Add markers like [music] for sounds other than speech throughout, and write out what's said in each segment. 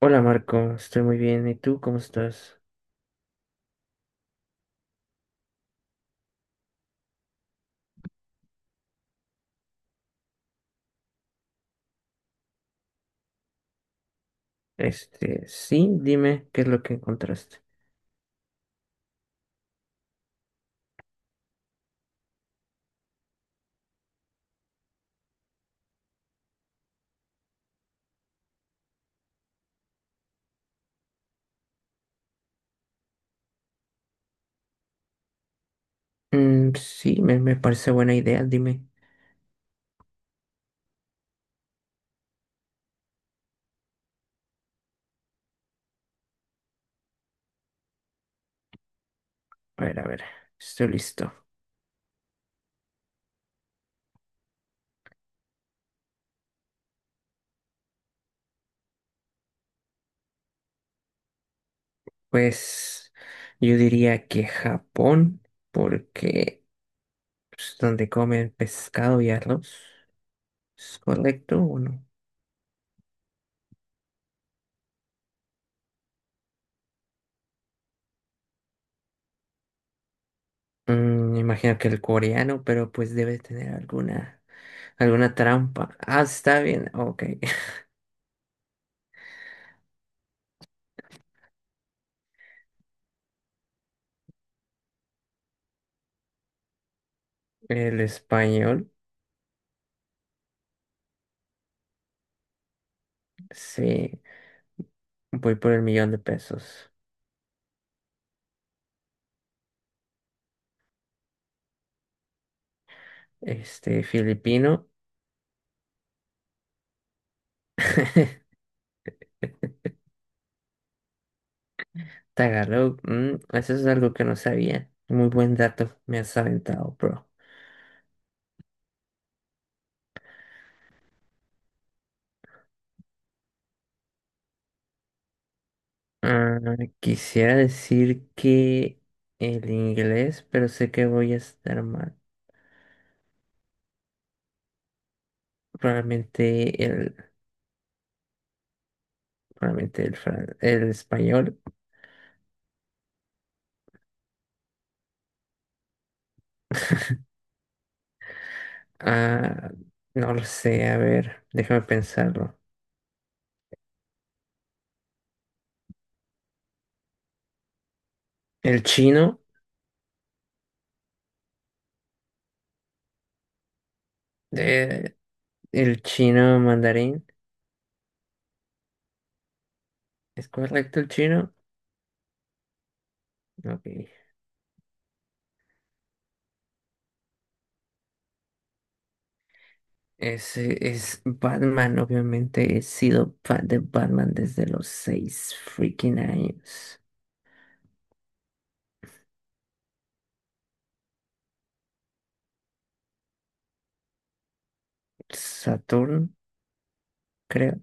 Hola Marco, estoy muy bien. ¿Y tú cómo estás? Este, sí, dime qué es lo que encontraste. Mm, sí, me parece buena idea, dime. A ver, estoy listo. Pues yo diría que Japón, porque es donde comen pescado y arroz. ¿Es correcto o no? Imagino que el coreano, pero pues debe tener alguna trampa. Ah, está bien, ok. [laughs] El español, sí. Voy por el millón de pesos. Este, filipino. [laughs] Tagalog. Eso es algo que no sabía. Muy buen dato, me has aventado, bro. Ah, quisiera decir que el inglés, pero sé que voy a estar mal. Probablemente el, probablemente el español. Ah, no lo sé, a ver, déjame pensarlo. El chino, eh, el chino mandarín. ¿Es correcto el chino? Ok. Es Batman, obviamente he sido fan de Batman desde los 6 freaking años. Saturno, creo.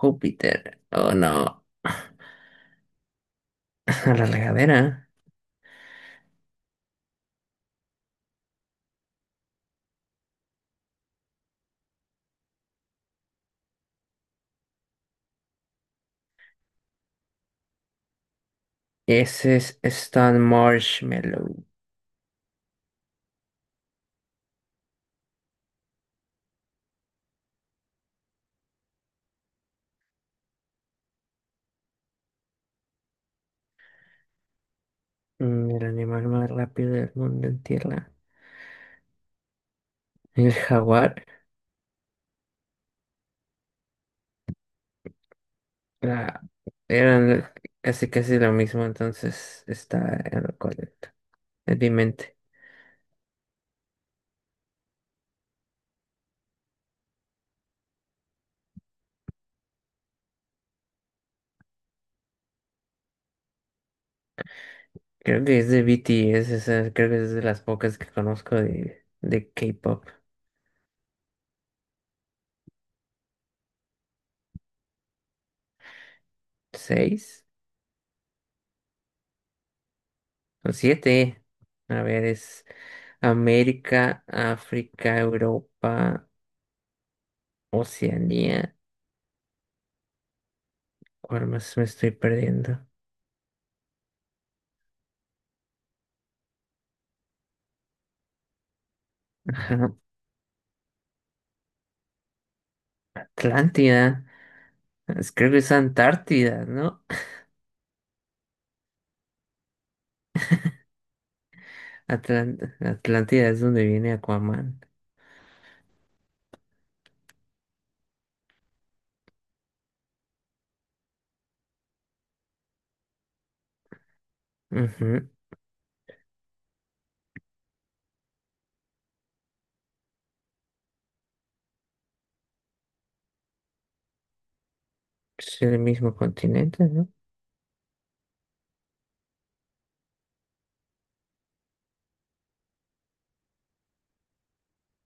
Júpiter. Oh no. [laughs] A la regadera. Ese es Stan Marshmallow. El animal más rápido del mundo en tierra. El jaguar. la- Eran casi casi lo mismo, entonces está en lo correcto. Es mi mente. Creo que es de BTS, esa, creo que es de las pocas que conozco de K-pop. ¿Seis o siete? A ver, es América, África, Europa, Oceanía. ¿Cuál más me estoy perdiendo? Ajá, Atlántida. Creo que es Antártida, ¿no? Atlántida es donde viene Aquaman. Ujú. Es el mismo continente, ¿no?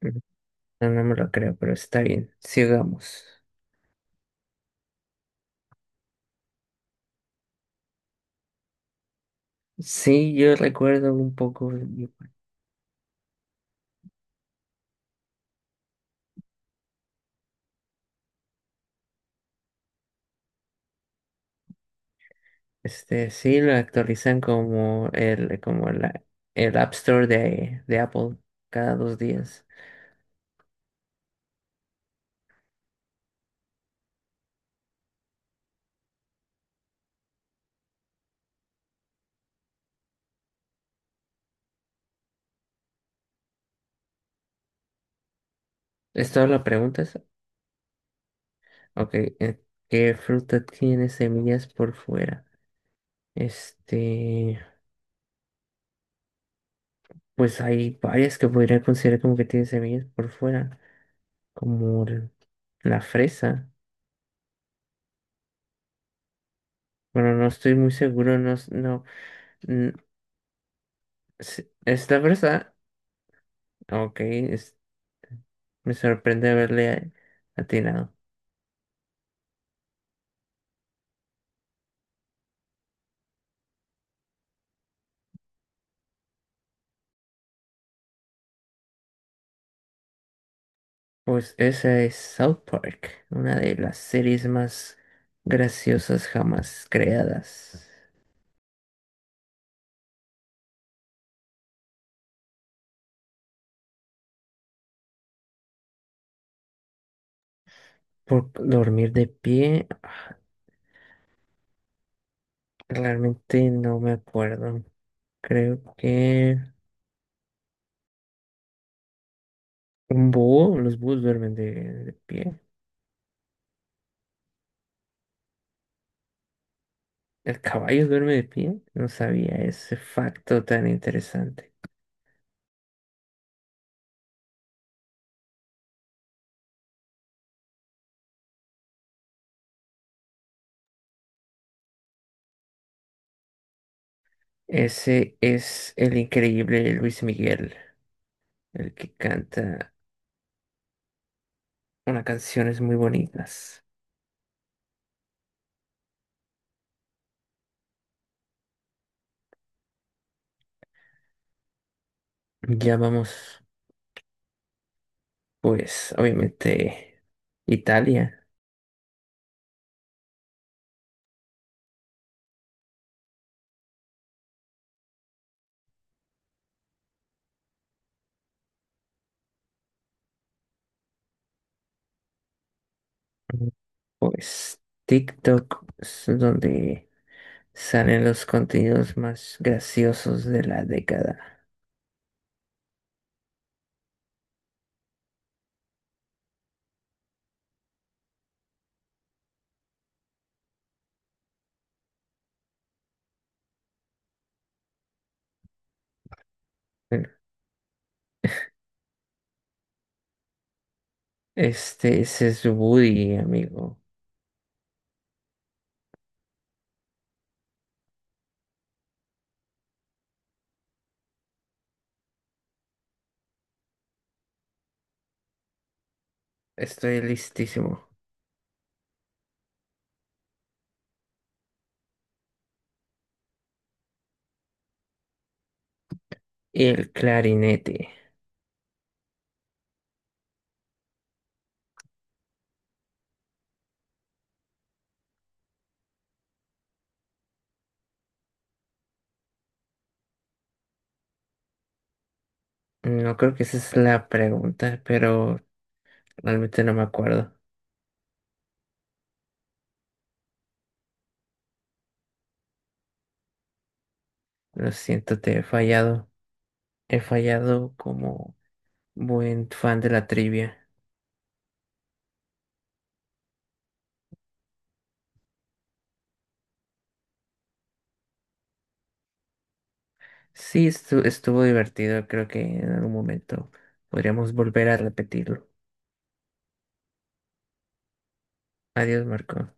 Ujú. No, no me lo creo, pero está bien. Sigamos. Sí, yo recuerdo un poco, este, sí, lo actualizan como el, como la, el App Store de Apple cada 2 días. ¿Es toda la pregunta esa? Ok, ¿qué fruta tiene semillas por fuera? Este, pues hay varias que podría considerar como que tienen semillas por fuera, como la fresa. Bueno, no estoy muy seguro, no, no. mm, ¿Es la fresa? Ok, me sorprende haberle atinado. Pues esa es South Park, una de las series más graciosas jamás creadas. Por dormir de pie, realmente no me acuerdo. Creo que un búho, los búhos duermen de pie. El caballo duerme de pie. No sabía ese facto tan interesante. Ese es el increíble Luis Miguel, el que canta unas canciones muy bonitas. Ya vamos, pues, obviamente, Italia. Pues TikTok es donde salen los contenidos más graciosos de la década. Bueno, este, ese es Woody, amigo. Estoy listísimo. El clarinete. No creo que esa es la pregunta, pero realmente no me acuerdo. Lo siento, te he fallado. He fallado como buen fan de la trivia. Sí, estuvo divertido. Creo que en algún momento podríamos volver a repetirlo. Adiós, Marco.